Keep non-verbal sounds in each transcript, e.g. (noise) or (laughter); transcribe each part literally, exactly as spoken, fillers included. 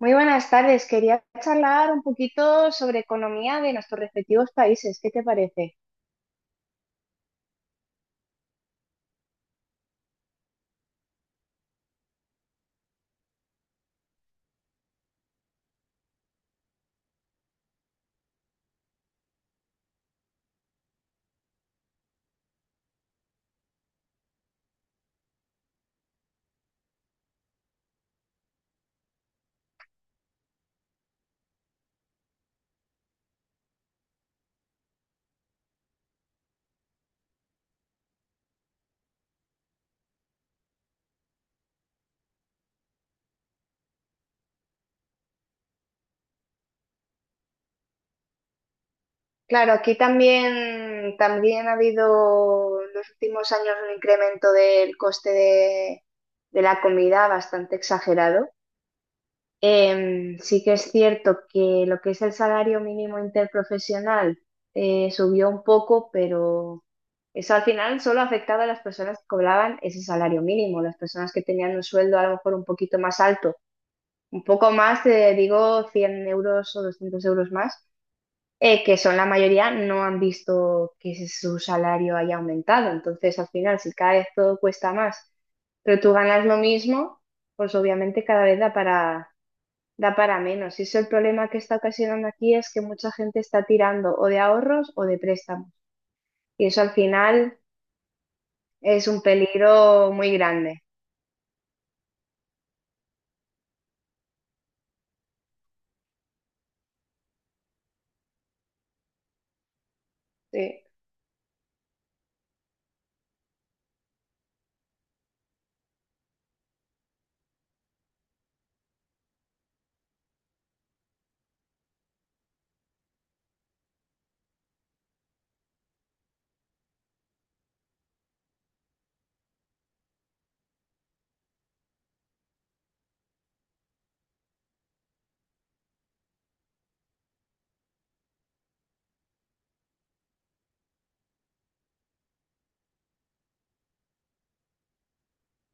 Muy buenas tardes. Quería charlar un poquito sobre economía de nuestros respectivos países. ¿Qué te parece? Claro, aquí también, también ha habido en los últimos años un incremento del coste de, de la comida bastante exagerado. Em, sí que es cierto que lo que es el salario mínimo interprofesional eh, subió un poco, pero eso al final solo ha afectado a las personas que cobraban ese salario mínimo. Las personas que tenían un sueldo a lo mejor un poquito más alto un poco más, eh, digo cien euros o doscientos euros más, eh, que son la mayoría, no han visto que su salario haya aumentado. Entonces, al final, si cada vez todo cuesta más, pero tú ganas lo mismo, pues obviamente cada vez da para, da para menos. Y eso el problema que está ocasionando aquí es que mucha gente está tirando o de ahorros o de préstamos. Y eso al final es un peligro muy grande. Sí.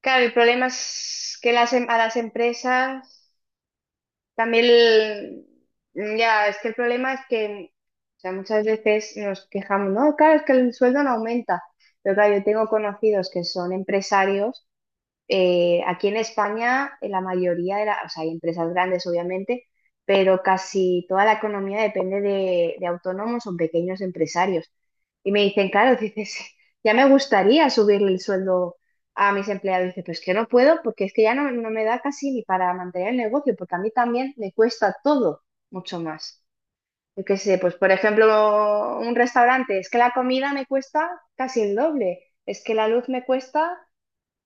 Claro, el problema es que las, em- a las empresas también, el- ya, es que el problema es que, o sea, muchas veces nos quejamos, no, claro, es que el sueldo no aumenta, pero claro, yo tengo conocidos que son empresarios eh, aquí en España, eh, la mayoría de las, o sea, hay empresas grandes, obviamente, pero casi toda la economía depende de, de autónomos o pequeños empresarios. Y me dicen, claro, (laughs) dices, ya me gustaría subirle el sueldo a mis empleados. Dice, pues que no puedo, porque es que ya no, no me da casi ni para mantener el negocio, porque a mí también me cuesta todo mucho más. Yo qué sé, pues por ejemplo, un restaurante, es que la comida me cuesta casi el doble, es que la luz me cuesta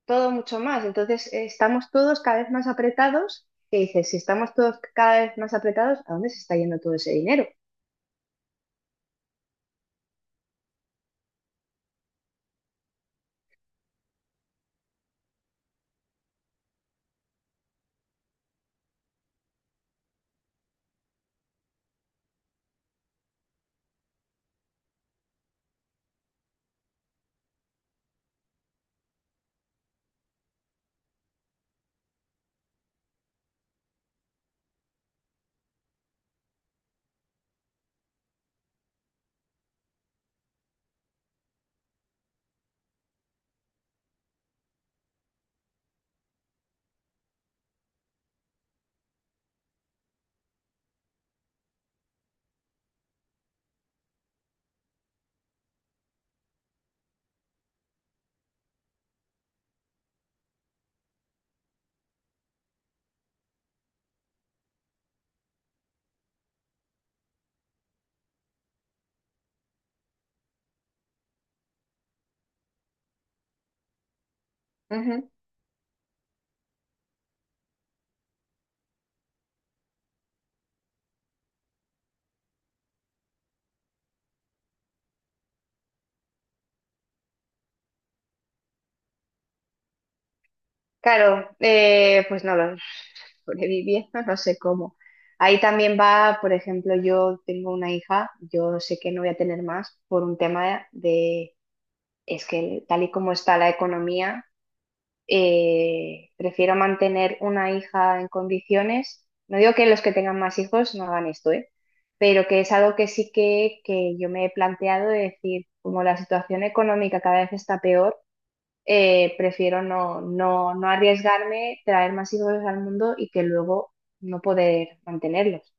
todo mucho más. Entonces, eh, estamos todos cada vez más apretados. Y dices, si estamos todos cada vez más apretados, ¿a dónde se está yendo todo ese dinero? Ujú. Claro, eh, pues no lo (laughs) sobreviviendo, no sé cómo. Ahí también va, por ejemplo, yo tengo una hija, yo sé que no voy a tener más por un tema de, es que tal y como está la economía, eh, prefiero mantener una hija en condiciones. No digo que los que tengan más hijos no hagan esto, ¿eh? Pero que es algo que sí que, que yo me he planteado de decir, como la situación económica cada vez está peor, eh, prefiero no, no, no arriesgarme, traer más hijos al mundo y que luego no poder mantenerlos.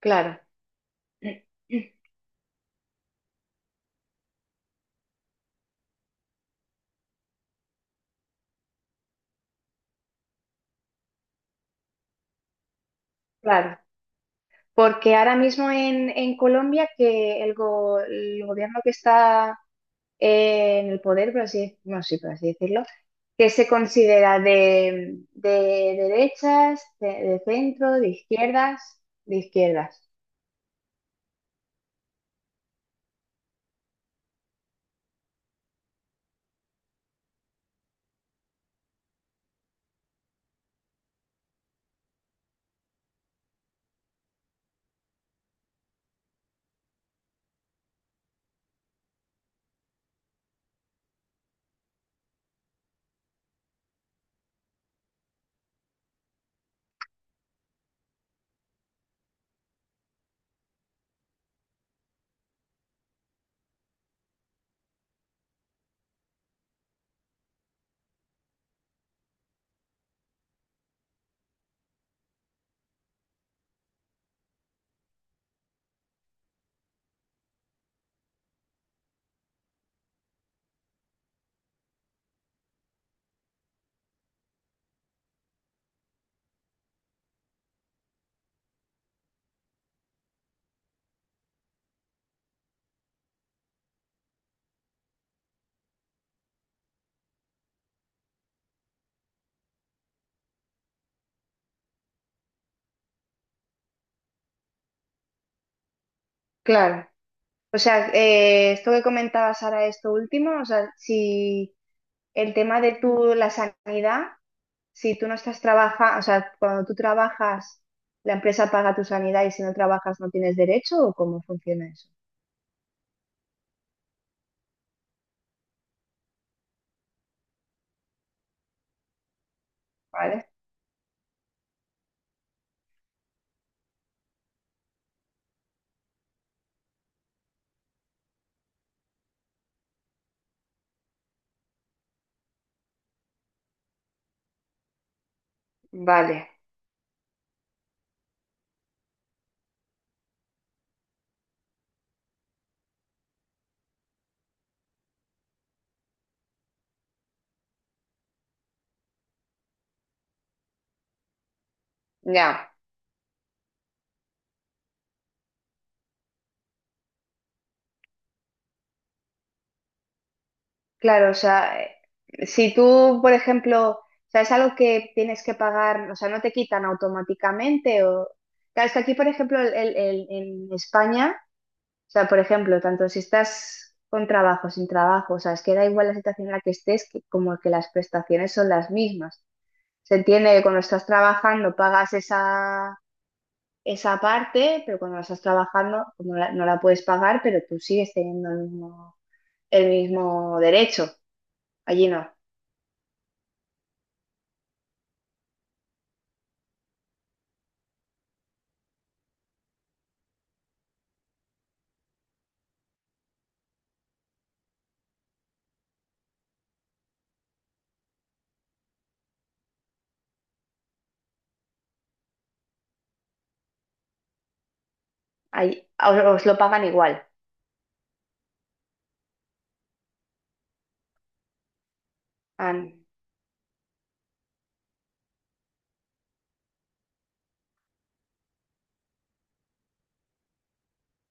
Claro, (clears throat) claro. Porque ahora mismo en, en Colombia que el, go- el gobierno que está eh, en el poder, por así, no, sí, por así decirlo, que se considera de, de derechas, de, de centro, de izquierdas, de izquierdas. Claro. O sea, eh, esto que comentabas ahora, esto último, o sea, si el tema de tu, la sanidad, si tú no estás trabajando, o sea, cuando tú trabajas, la empresa paga tu sanidad y si no trabajas no tienes derecho, ¿o cómo funciona eso? ¿Vale? Vale, ya. Claro, o sea, eh, si tú, por ejemplo, o sea, es algo que tienes que pagar, o sea, no te quitan automáticamente o... Claro, es que aquí, por ejemplo, el- el- el- en España, o sea, por ejemplo, tanto si estás con trabajo, sin trabajo, o sea, es que da igual la situación en la que estés, que como que las prestaciones son las mismas. Se entiende que cuando estás trabajando pagas esa, esa parte, pero cuando no estás trabajando como la- no la puedes pagar, pero tú sigues teniendo el mismo, el mismo derecho. Allí no. Ahí, os, os lo pagan igual. Ah,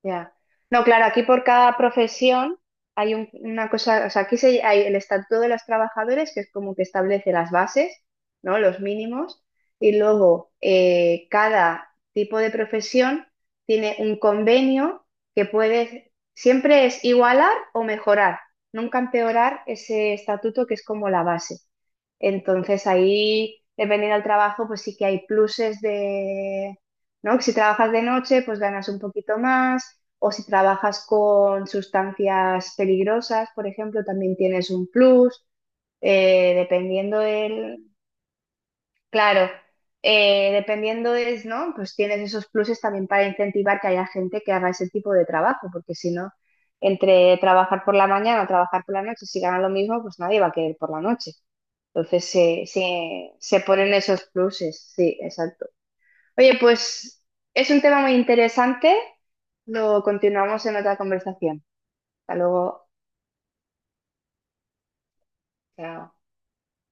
ya. No, claro, aquí por cada profesión hay un- una cosa, o sea, aquí se, hay el estatuto de los trabajadores, que es como que establece las bases, ¿no? Los mínimos, y luego eh, cada tipo de profesión tiene un convenio que puede, siempre es igualar o mejorar, nunca empeorar ese estatuto que es como la base. Entonces ahí, dependiendo del trabajo, pues sí que hay pluses de ¿no? Si trabajas de noche, pues ganas un poquito más, o si trabajas con sustancias peligrosas, por ejemplo, también tienes un plus, eh, dependiendo del, claro, eh, dependiendo es, ¿no? Pues tienes esos pluses también para incentivar que haya gente que haga ese tipo de trabajo, porque si no, entre trabajar por la mañana o trabajar por la noche, si ganan lo mismo, pues nadie va a querer por la noche. Entonces se, se, se ponen esos pluses, sí, exacto. Oye, pues es un tema muy interesante. Lo continuamos en otra conversación. Hasta luego. Chao.